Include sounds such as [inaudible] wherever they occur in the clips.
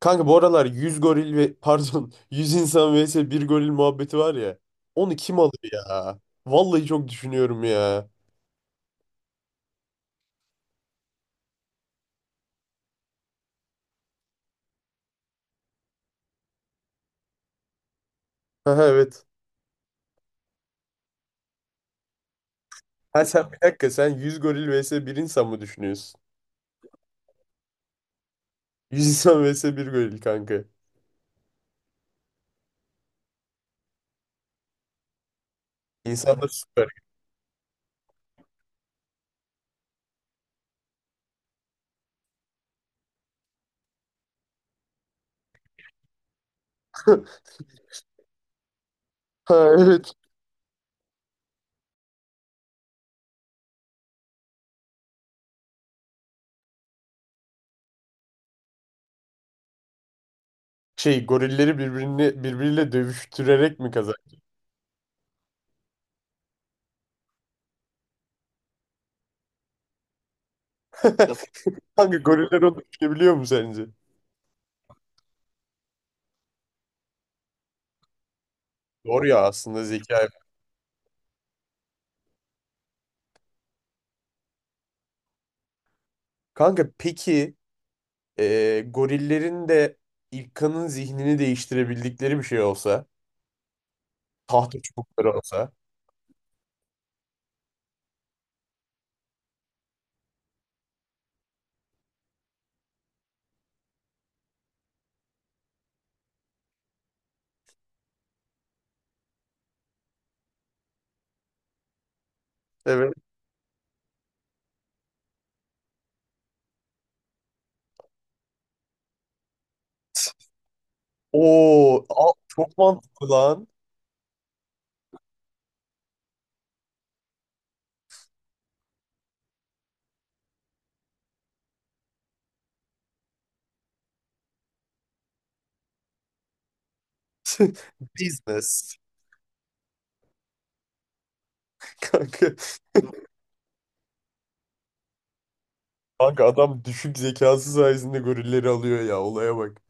Kanka bu aralar 100 goril ve pardon [laughs] 100 insan vs bir goril muhabbeti var ya. Onu kim alır ya? Vallahi çok düşünüyorum ya. Ha evet. Ha sen bir dakika, sen 100 goril vs bir insan mı düşünüyorsun? Yüz insan vs bir goril kanka. İnsanlar süper. [laughs] Ha evet. Şey, gorilleri birbiriyle dövüştürerek mi kazan? [laughs] Kanka goriller onu düşünebiliyor mu sence? Doğru ya, aslında zeka. Kanka peki, gorillerin de İlkan'ın zihnini değiştirebildikleri bir şey olsa, tahta çubukları olsa. Evet. Oo, a- çok mantıklı lan. Business. [laughs] Kanka, kanka adam düşük zekası sayesinde gorilleri alıyor ya. Olaya bak.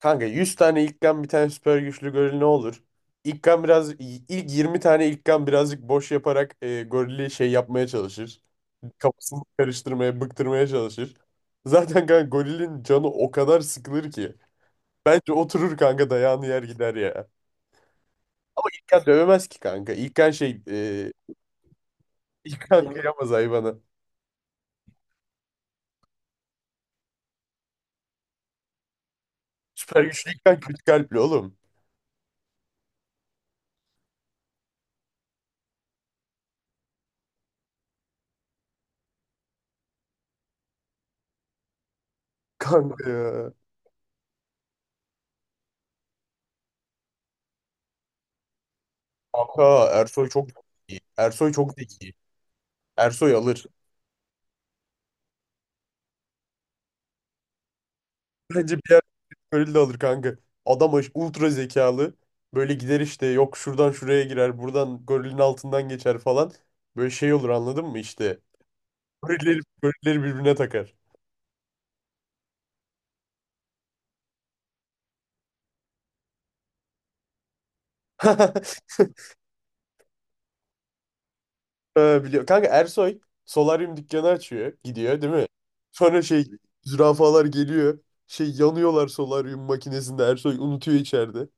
Kanka 100 tane ilkan bir tane süper güçlü goril ne olur? İlkan biraz, ilk 20 tane ilkan birazcık boş yaparak gorili şey yapmaya çalışır. Kafasını karıştırmaya, bıktırmaya çalışır. Zaten kanka gorilin canı o kadar sıkılır ki. Bence oturur kanka, dayağını yer gider ya. Ama İlkan dövemez ki kanka. İlkan şey, [laughs] İlkan kıyamaz hayvana. Süper güçlü İlkan kötü kalpli oğlum. Kanka ya. Kanka Ersoy çok iyi. Ersoy çok zeki. Ersoy alır. Bence bir, öyle de olur kanka. Adam aş- ultra zekalı. Böyle gider işte, yok şuradan şuraya girer. Buradan gorilin altından geçer falan. Böyle şey olur, anladın mı işte. Gorilleri birbirine takar. [laughs] Biliyor. Kanka Ersoy solaryum dükkanı açıyor. Gidiyor değil mi? Sonra şey, zürafalar geliyor. Şey, yanıyorlar solaryum makinesinde. Ersoy unutuyor içeride.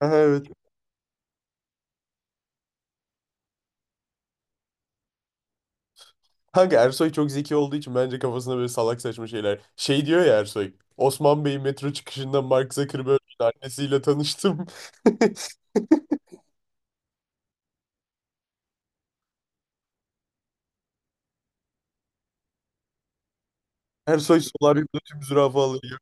[laughs] Evet. Kanka Ersoy çok zeki olduğu için bence kafasında böyle salak saçma şeyler. Şey diyor ya Ersoy. Osman Bey'in metro çıkışında Mark Zuckerberg'in annesiyle tanıştım. [laughs] Ersoy solaryumda tüm zürafa alıyor.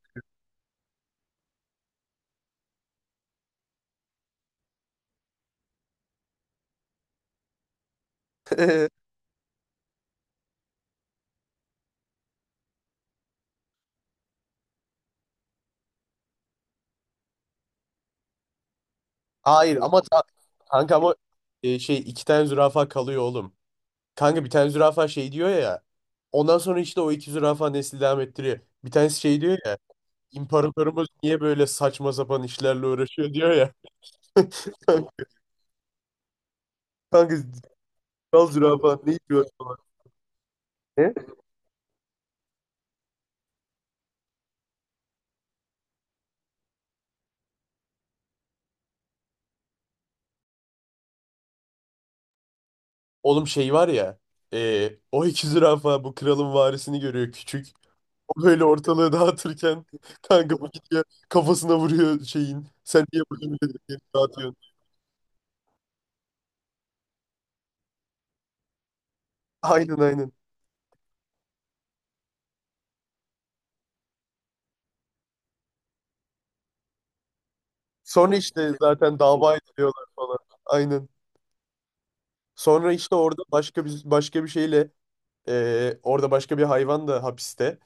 [laughs] Hayır ama ta- kanka ama şey, iki tane zürafa kalıyor oğlum. Kanka bir tane zürafa şey diyor ya. Ondan sonra işte o iki zürafa nesli devam ettiriyor. Bir tanesi şey diyor ya. İmparatorumuz niye böyle saçma sapan işlerle uğraşıyor diyor ya. [laughs] Kanka kral zürafa ne yapıyor falan. Oğlum şey var ya. O iki zürafa bu kralın varisini görüyor küçük. O böyle ortalığı dağıtırken [laughs] kanka bu gidiyor kafasına vuruyor şeyin. Sen niye burada milletleri dağıtıyorsun? Aynen, aynen. Sonra işte zaten dava ediliyorlar falan. Aynen. Sonra işte orada başka bir şeyle, orada başka bir hayvan da hapiste.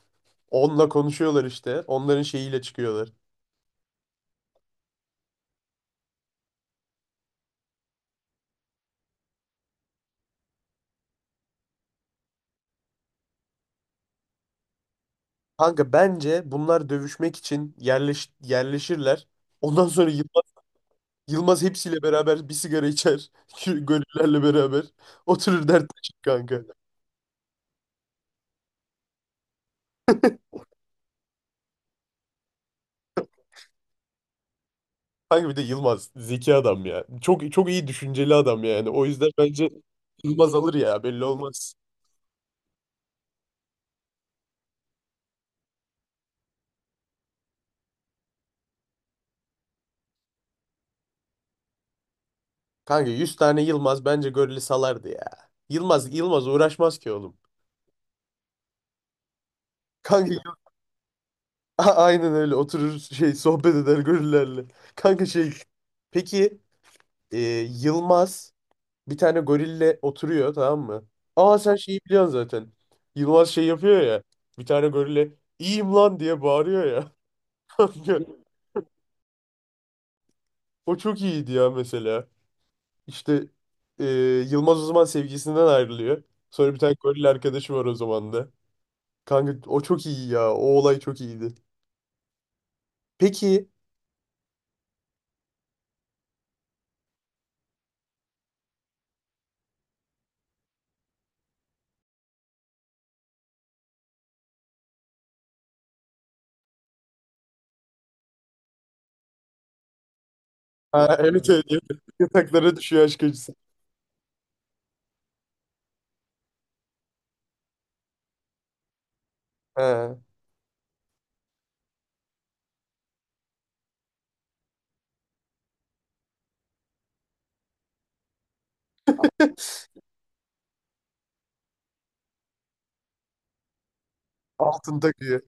Onunla konuşuyorlar işte. Onların şeyiyle çıkıyorlar. Kanka bence bunlar dövüşmek için yerleşirler. Ondan sonra Yılmaz, Yılmaz hepsiyle beraber bir sigara içer. [laughs] Şu gönüllerle beraber. Oturur dertleşir kanka. Kanka bir de Yılmaz zeki adam ya. Çok çok iyi düşünceli adam yani. O yüzden bence Yılmaz alır ya, belli olmaz. Kanka 100 tane Yılmaz bence gölü salardı ya. Yılmaz uğraşmaz ki oğlum. Kanka [laughs] a- aynen, öyle oturur şey, sohbet eder gönüllerle. Kanka şey, peki, e, Yılmaz bir tane gorille oturuyor tamam mı? Aa sen şeyi biliyorsun zaten. Yılmaz şey yapıyor ya. Bir tane gorille "iyiyim lan" diye bağırıyor ya. [laughs] O çok iyiydi ya mesela. İşte, e, Yılmaz o zaman sevgisinden ayrılıyor. Sonra bir tane goril arkadaşı var o zaman da. Kanka o çok iyi ya. O olay çok iyiydi. Peki. Ha, evet evet, evet. Yataklara düşüyor aşk acısı. Ha. Altın takıyor.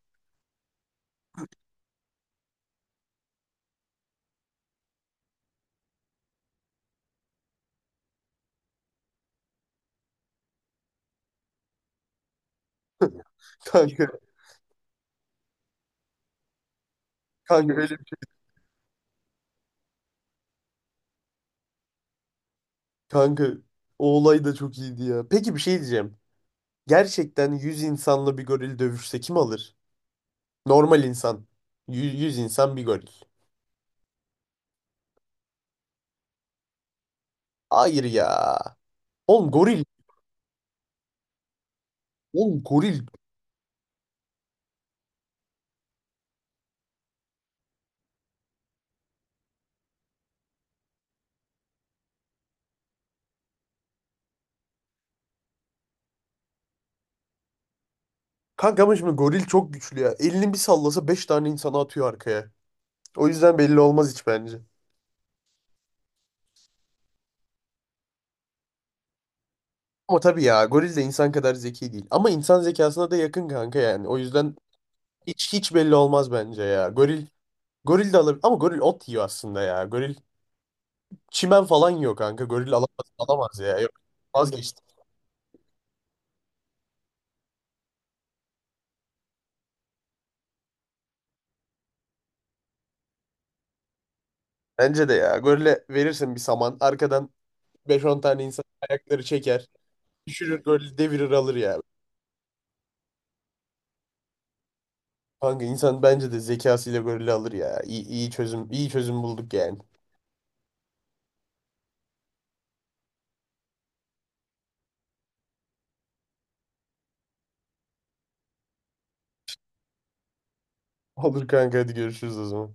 [laughs] Kanka, kanka öyle bir- şey. Kanka o olay da çok iyiydi ya. Peki, bir şey diyeceğim. Gerçekten 100 insanla bir goril dövüşse kim alır? Normal insan. Yüz, 100 insan bir goril. Hayır ya. Oğlum goril. Oğlum goril. Kanka ama şimdi goril çok güçlü ya. Elini bir sallasa 5 tane insanı atıyor arkaya. O yüzden belli olmaz hiç bence. Ama tabii ya, goril de insan kadar zeki değil. Ama insan zekasına da yakın kanka yani. O yüzden hiç belli olmaz bence ya. Goril de alır ama goril ot yiyor aslında ya. Goril çimen falan yiyor kanka. Goril alamaz, alamaz ya. Yok, vazgeçtim. Bence de ya. Golle verirsin bir saman. Arkadan beş on tane insan ayakları çeker. Düşürür golü devirir alır ya. Kanka insan bence de zekasıyla golü alır ya. İyi, iyi çözüm, iyi çözüm bulduk yani. [laughs] Olur kanka, hadi görüşürüz o zaman.